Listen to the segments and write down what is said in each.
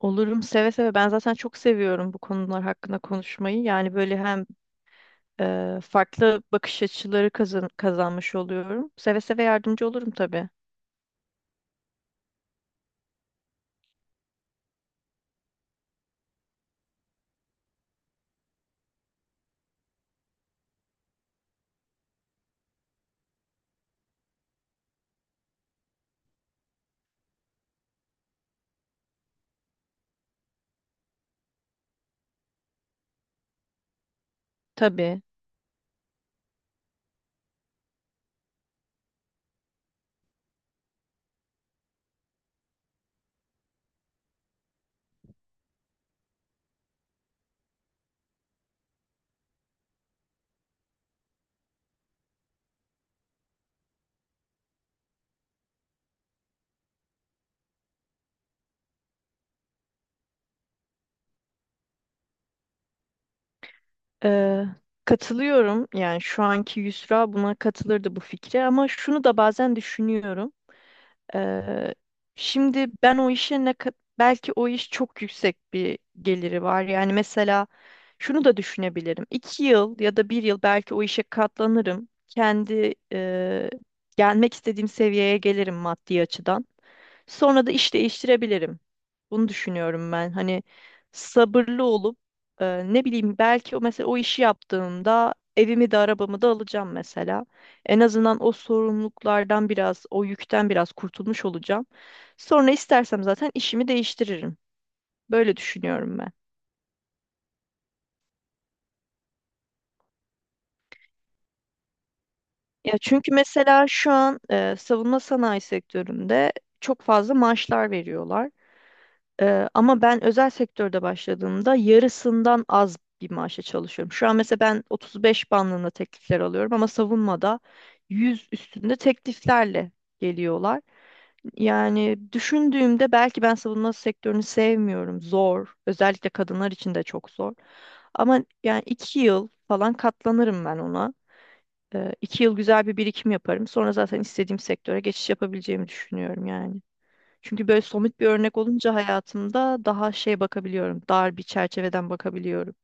Olurum seve seve. Ben zaten çok seviyorum bu konular hakkında konuşmayı. Yani böyle hem farklı bakış açıları kazanmış oluyorum. Seve seve yardımcı olurum tabii. Tabii. Ee, katılıyorum. Yani şu anki Yusra buna katılırdı bu fikre ama şunu da bazen düşünüyorum. Eee, şimdi ben o işe belki o iş çok yüksek bir geliri var. Yani mesela şunu da düşünebilirim. 2 yıl ya da bir yıl belki o işe katlanırım. Kendi gelmek istediğim seviyeye gelirim maddi açıdan. Sonra da iş değiştirebilirim. Bunu düşünüyorum ben. Hani sabırlı olup ne bileyim belki o mesela o işi yaptığımda evimi de arabamı da alacağım mesela. En azından o sorumluluklardan biraz, o yükten biraz kurtulmuş olacağım. Sonra istersem zaten işimi değiştiririm. Böyle düşünüyorum ben. Ya çünkü mesela şu an savunma sanayi sektöründe çok fazla maaşlar veriyorlar. Ama ben özel sektörde başladığımda yarısından az bir maaşa çalışıyorum. Şu an mesela ben 35 bandında teklifler alıyorum ama savunmada 100 üstünde tekliflerle geliyorlar. Yani düşündüğümde belki ben savunma sektörünü sevmiyorum. Zor. Özellikle kadınlar için de çok zor. Ama yani 2 yıl falan katlanırım ben ona. 2 yıl güzel bir birikim yaparım. Sonra zaten istediğim sektöre geçiş yapabileceğimi düşünüyorum yani. Çünkü böyle somut bir örnek olunca hayatımda daha şey bakabiliyorum. Dar bir çerçeveden bakabiliyorum.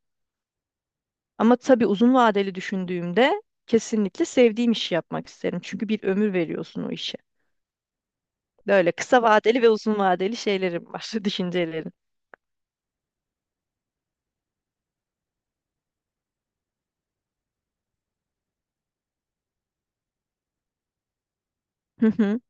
Ama tabii uzun vadeli düşündüğümde kesinlikle sevdiğim işi yapmak isterim. Çünkü bir ömür veriyorsun o işe. Böyle kısa vadeli ve uzun vadeli şeylerim var, düşüncelerim. Hı hı.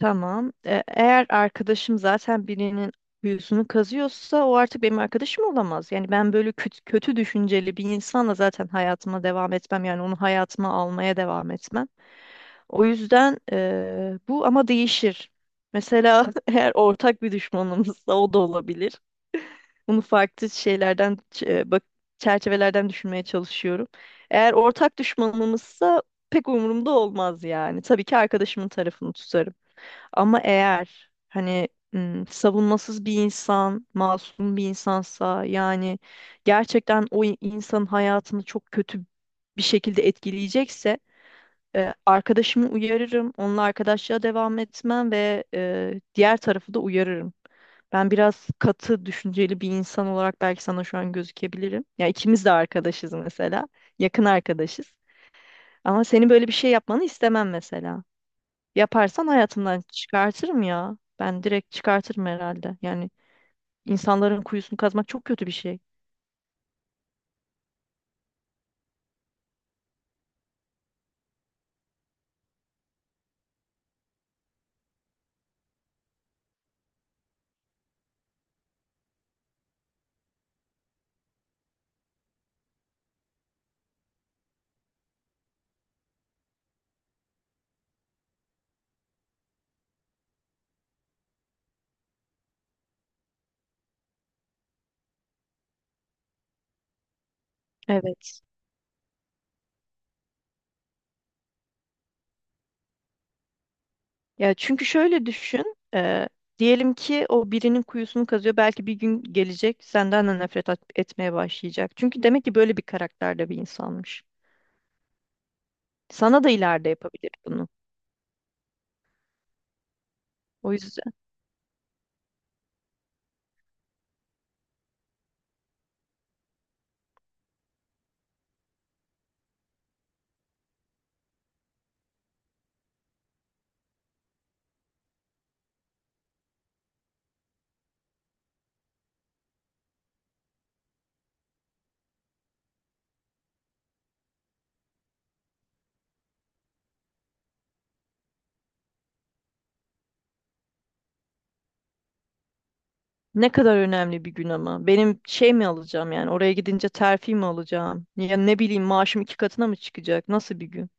Tamam. Eğer arkadaşım zaten birinin kuyusunu kazıyorsa o artık benim arkadaşım olamaz. Yani ben böyle kötü, kötü düşünceli bir insanla zaten hayatıma devam etmem. Yani onu hayatıma almaya devam etmem. O yüzden bu ama değişir. Mesela eğer ortak bir düşmanımızsa o da olabilir. Bunu farklı şeylerden, bak, çerçevelerden düşünmeye çalışıyorum. Eğer ortak düşmanımızsa pek umurumda olmaz yani. Tabii ki arkadaşımın tarafını tutarım. Ama eğer hani savunmasız bir insan, masum bir insansa yani gerçekten o insanın hayatını çok kötü bir şekilde etkileyecekse arkadaşımı uyarırım, onunla arkadaşlığa devam etmem ve diğer tarafı da uyarırım. Ben biraz katı, düşünceli bir insan olarak belki sana şu an gözükebilirim. Ya ikimiz de arkadaşız mesela, yakın arkadaşız. Ama senin böyle bir şey yapmanı istemem mesela. Yaparsan hayatımdan çıkartırım ya. Ben direkt çıkartırım herhalde. Yani insanların kuyusunu kazmak çok kötü bir şey. Evet. Ya çünkü şöyle düşün. Diyelim ki o birinin kuyusunu kazıyor. Belki bir gün gelecek senden de nefret etmeye başlayacak. Çünkü demek ki böyle bir karakterde bir insanmış. Sana da ileride yapabilir bunu. O yüzden ne kadar önemli bir gün ama. Benim şey mi alacağım yani oraya gidince terfi mi alacağım? Ya ne bileyim maaşım iki katına mı çıkacak? Nasıl bir gün?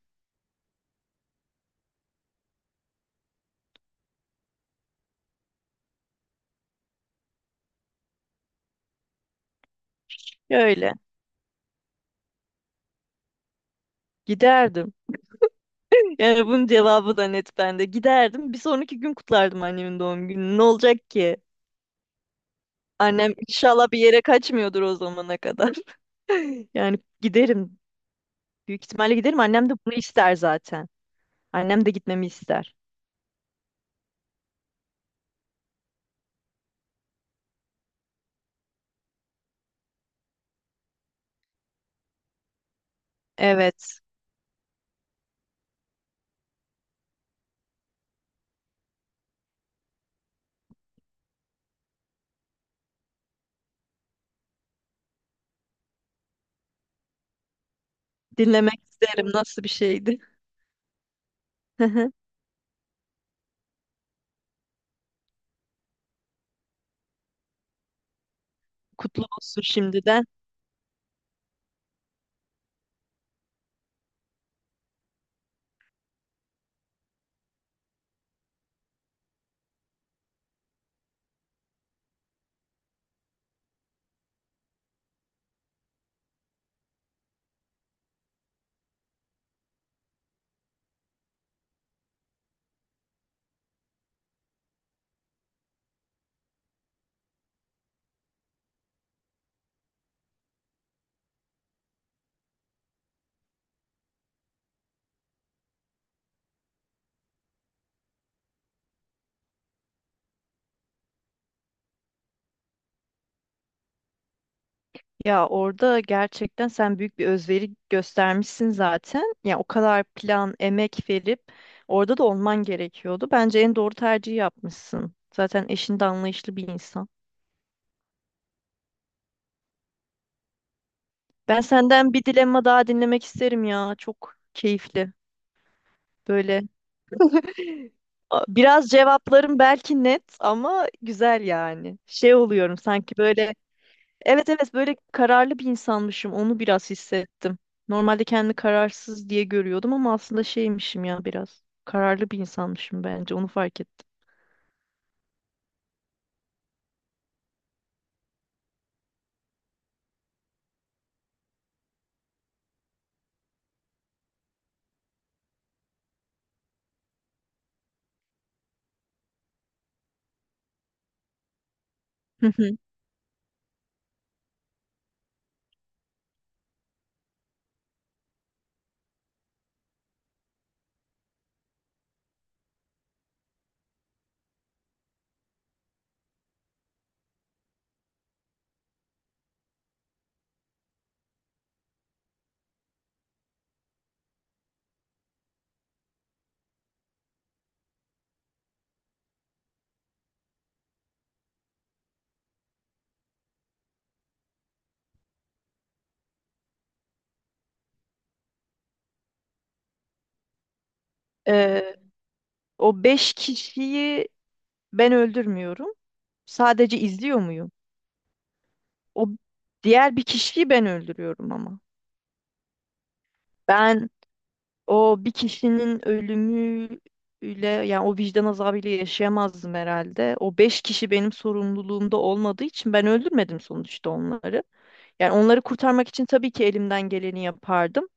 Öyle. Giderdim. Yani bunun cevabı da net bende. Giderdim. Bir sonraki gün kutlardım annemin doğum gününü. Ne olacak ki? Annem inşallah bir yere kaçmıyordur o zamana kadar. Yani giderim. Büyük ihtimalle giderim. Annem de bunu ister zaten. Annem de gitmemi ister. Evet. Dinlemek isterim. Nasıl bir şeydi? Kutlu olsun şimdiden. Ya orada gerçekten sen büyük bir özveri göstermişsin zaten. Ya o kadar plan, emek verip orada da olman gerekiyordu. Bence en doğru tercihi yapmışsın. Zaten eşin de anlayışlı bir insan. Ben senden bir dilemma daha dinlemek isterim ya. Çok keyifli. Böyle biraz cevaplarım belki net ama güzel yani. Şey oluyorum sanki böyle. Evet, evet, böyle kararlı bir insanmışım. Onu biraz hissettim. Normalde kendimi kararsız diye görüyordum ama aslında şeymişim ya biraz. Kararlı bir insanmışım bence. Onu fark ettim. Hı hı. Ee, O beş kişiyi ben öldürmüyorum. Sadece izliyor muyum? O diğer bir kişiyi ben öldürüyorum ama. Ben o bir kişinin ölümüyle yani o vicdan azabıyla yaşayamazdım herhalde. O beş kişi benim sorumluluğumda olmadığı için ben öldürmedim sonuçta onları. Yani onları kurtarmak için tabii ki elimden geleni yapardım.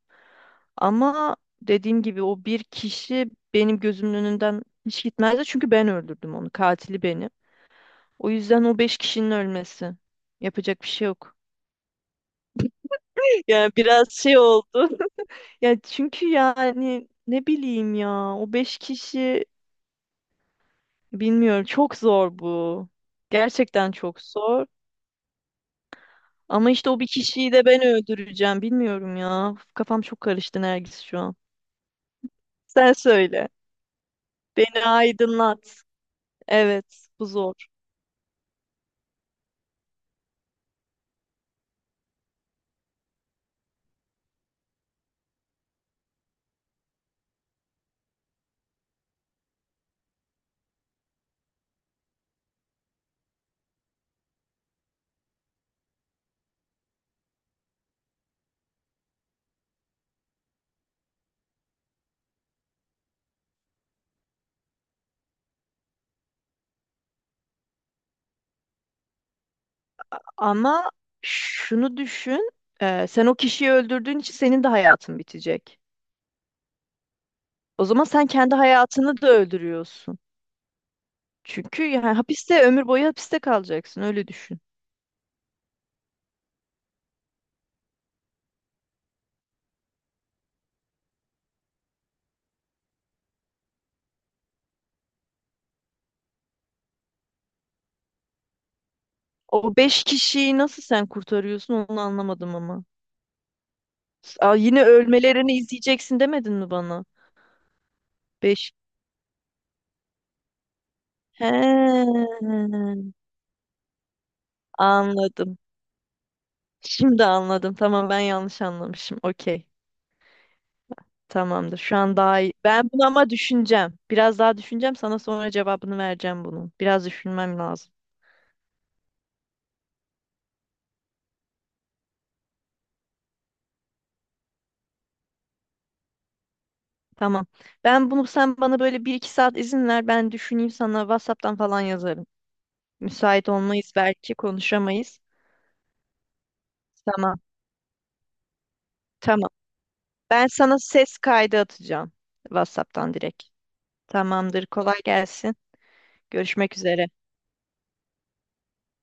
Ama dediğim gibi o bir kişi benim gözümün önünden hiç gitmezdi. Çünkü ben öldürdüm onu. Katili benim. O yüzden o beş kişinin ölmesi. Yapacak bir şey yok. Yani biraz şey oldu. Ya çünkü yani ne bileyim ya o beş kişi bilmiyorum çok zor bu. Gerçekten çok zor. Ama işte o bir kişiyi de ben öldüreceğim bilmiyorum ya. Kafam çok karıştı Nergis şu an. Sen söyle. Beni aydınlat. Evet, bu zor. Ama şunu düşün, sen o kişiyi öldürdüğün için senin de hayatın bitecek. O zaman sen kendi hayatını da öldürüyorsun. Çünkü yani hapiste ömür boyu hapiste kalacaksın, öyle düşün. O beş kişiyi nasıl sen kurtarıyorsun onu anlamadım ama. Aa, yine ölmelerini izleyeceksin demedin mi bana? Beş. He, anladım. Şimdi anladım. Tamam, ben yanlış anlamışım. Okey. Tamamdır. Şu an daha iyi. Ben bunu ama düşüneceğim. Biraz daha düşüneceğim. Sana sonra cevabını vereceğim bunun. Biraz düşünmem lazım. Tamam. Ben bunu sen bana böyle bir iki saat izin ver. Ben düşüneyim, sana WhatsApp'tan falan yazarım. Müsait olmayız, belki konuşamayız. Tamam. Tamam. Ben sana ses kaydı atacağım. WhatsApp'tan direkt. Tamamdır. Kolay gelsin. Görüşmek üzere.